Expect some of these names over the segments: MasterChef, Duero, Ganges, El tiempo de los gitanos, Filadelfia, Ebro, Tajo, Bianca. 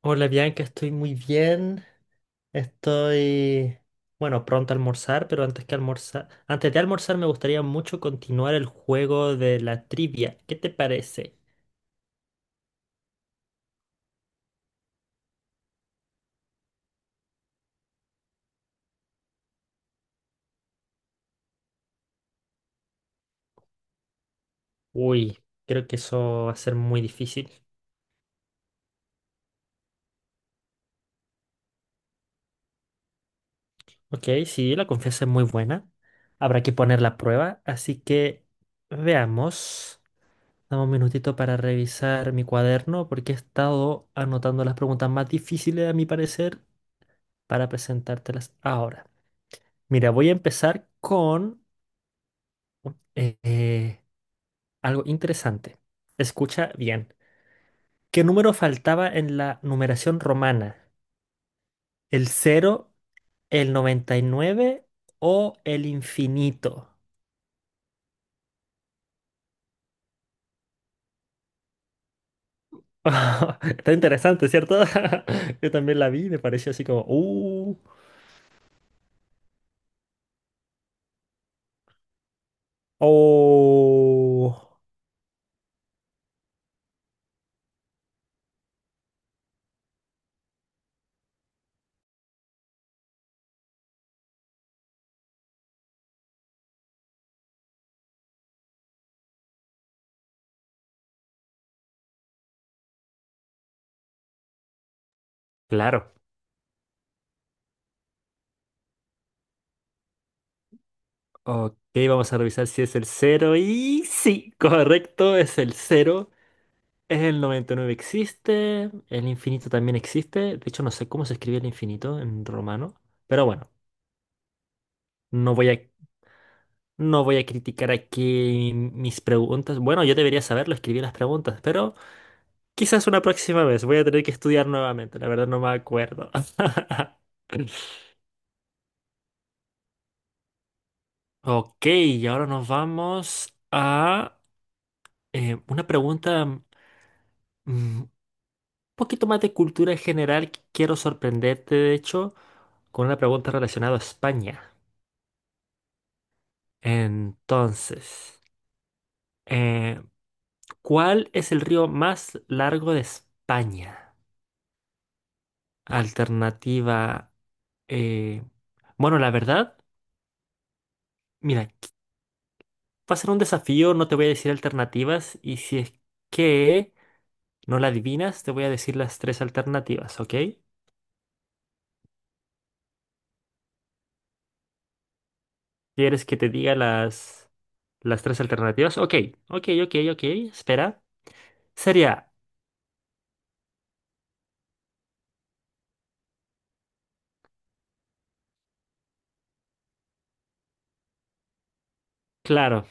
Hola Bianca, estoy muy bien. Estoy, bueno, Pronto a almorzar, pero antes que almorzar, antes de almorzar me gustaría mucho continuar el juego de la trivia. ¿Qué te parece? Uy, creo que eso va a ser muy difícil. Ok, sí, la confianza es muy buena. Habrá que poner la prueba, así que veamos. Dame un minutito para revisar mi cuaderno porque he estado anotando las preguntas más difíciles a mi parecer para presentártelas ahora. Mira, voy a empezar con eh, eh, algo interesante. Escucha bien. ¿Qué número faltaba en la numeración romana? ¿El cero, el 99 o el infinito? Está interesante, ¿cierto? Yo también la vi, me pareció así como oh. Claro. Ok, vamos a revisar si es el cero. Y sí, correcto, es el cero. El 99 existe, el infinito también existe. De hecho, no sé cómo se escribe el infinito en romano. Pero bueno, no voy a, no voy a criticar aquí mis preguntas. Bueno, yo debería saberlo, escribí las preguntas, pero quizás una próxima vez. Voy a tener que estudiar nuevamente. La verdad no me acuerdo. Ok, y ahora nos vamos a una pregunta un poquito más de cultura general. Quiero sorprenderte, de hecho, con una pregunta relacionada a España. Entonces, eh, ¿cuál es el río más largo de España? Alternativa, eh, bueno, la verdad, mira, va a ser un desafío, no te voy a decir alternativas y si es que no la adivinas, te voy a decir las tres alternativas, ¿ok? ¿Quieres que te diga las tres alternativas? Ok, ok, espera. Sería, claro,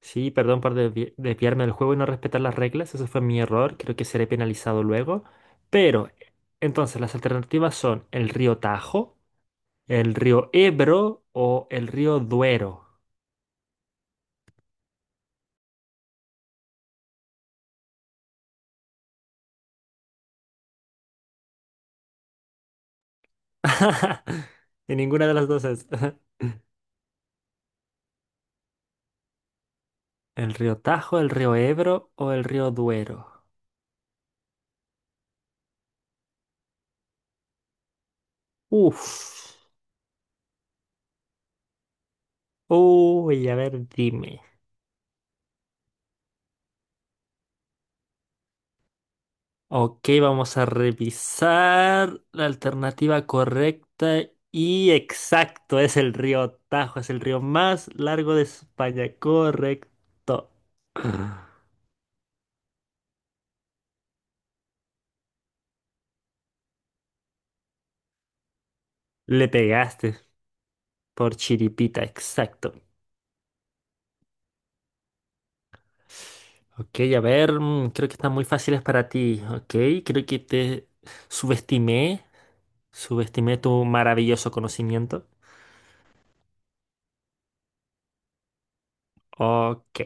sí, perdón por desviarme del juego y no respetar las reglas, eso fue mi error, creo que seré penalizado luego. Pero, entonces, las alternativas son el río Tajo, el río Ebro o el río Duero. Y ninguna de las dos es. ¿El río Tajo, el río Ebro o el río Duero? Uf. Uy, a ver, dime. Ok, vamos a revisar la alternativa correcta y exacto, es el río Tajo, es el río más largo de España, correcto. Le pegaste por chiripita, exacto. Ok, a ver, mm, creo que están muy fáciles para ti, ok, creo que te subestimé, subestimé tu maravilloso conocimiento. Ok,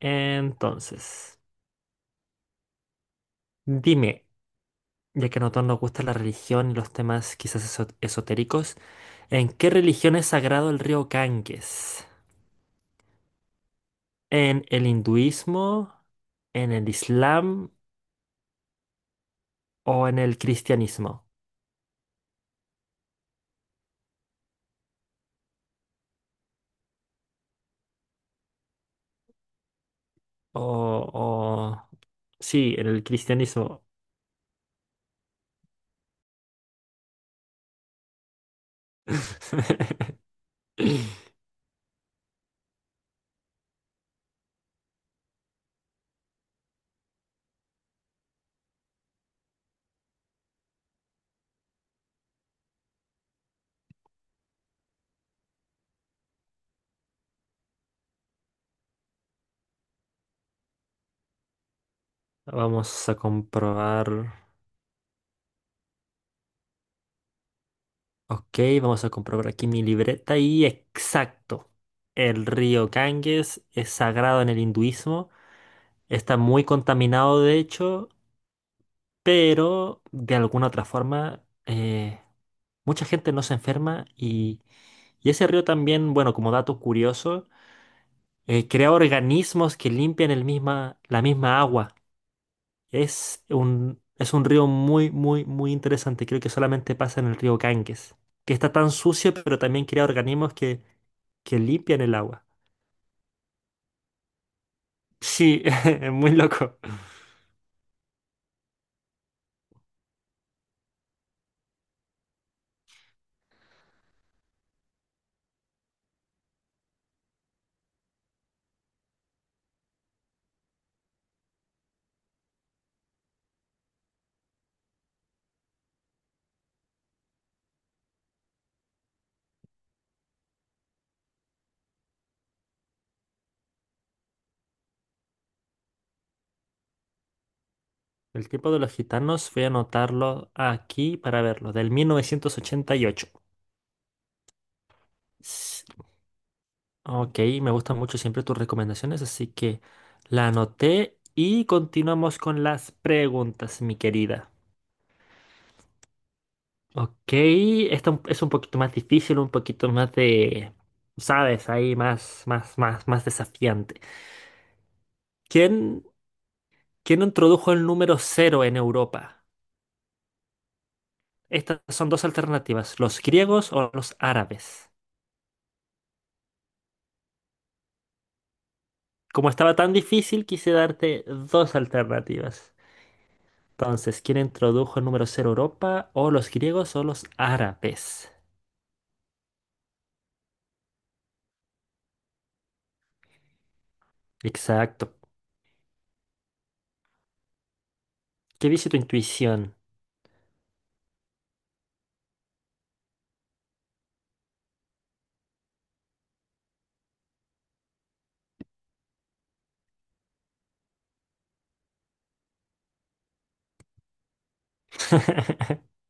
entonces, dime. Ya que a nosotros nos gusta la religión y los temas quizás esotéricos, ¿en qué religión es sagrado el río Ganges? ¿En el hinduismo, en el islam o en el cristianismo? O, o... sí, en el cristianismo. Vamos a comprobar. Ok, vamos a comprobar aquí mi libreta y exacto. El río Ganges es sagrado en el hinduismo. Está muy contaminado, de hecho, pero de alguna otra forma mucha gente no se enferma y ese río también, bueno, como dato curioso, crea organismos que limpian el misma, la misma agua. Es un río muy, muy, muy interesante. Creo que solamente pasa en el río Ganges, que está tan sucio, pero también crea organismos que limpian el agua. Sí, es muy loco. El tiempo de los gitanos, voy a anotarlo aquí para verlo, del 1988. Ok, me gustan mucho siempre tus recomendaciones, así que la anoté y continuamos con las preguntas, mi querida. Ok, esta es un poquito más difícil, un poquito más de, sabes, ahí más desafiante. ¿Quién, ¿quién introdujo el número cero en Europa? Estas son dos alternativas, los griegos o los árabes. Como estaba tan difícil, quise darte dos alternativas. Entonces, ¿quién introdujo el número cero a Europa? ¿O los griegos o los árabes? Exacto. ¿Qué dice tu intuición?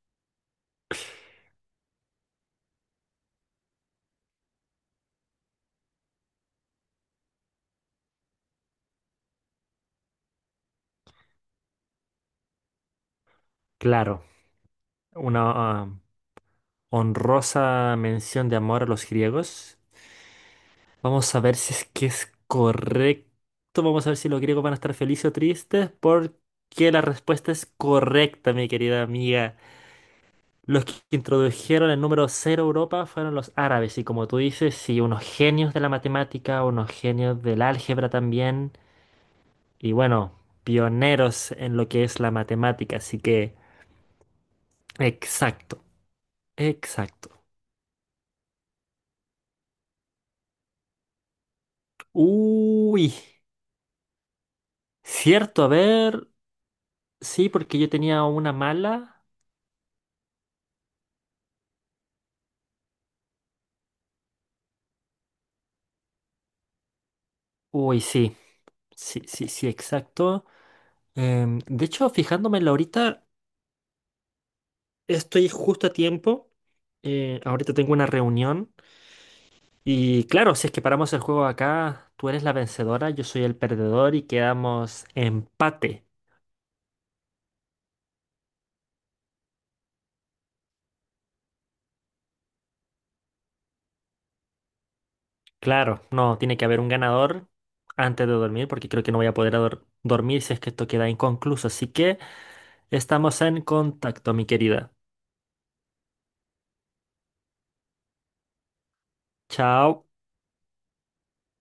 Claro, una ah, honrosa mención de amor a los griegos. Vamos a ver si es que es correcto. Vamos a ver si los griegos van a estar felices o tristes, porque la respuesta es correcta, mi querida amiga. Los que introdujeron el número cero a Europa fueron los árabes, y como tú dices, sí, unos genios de la matemática, unos genios del álgebra también, y bueno, pioneros en lo que es la matemática, así que exacto, exacto. Uy, cierto, a ver, sí, porque yo tenía una mala. Uy, sí, sí, sí, exacto. De hecho, fijándome en la ahorita, estoy justo a tiempo. Ahorita tengo una reunión. Y claro, si es que paramos el juego acá, tú eres la vencedora, yo soy el perdedor y quedamos empate. Claro, no, tiene que haber un ganador antes de dormir porque creo que no voy a poder dormir si es que esto queda inconcluso. Así que estamos en contacto, mi querida. Chao.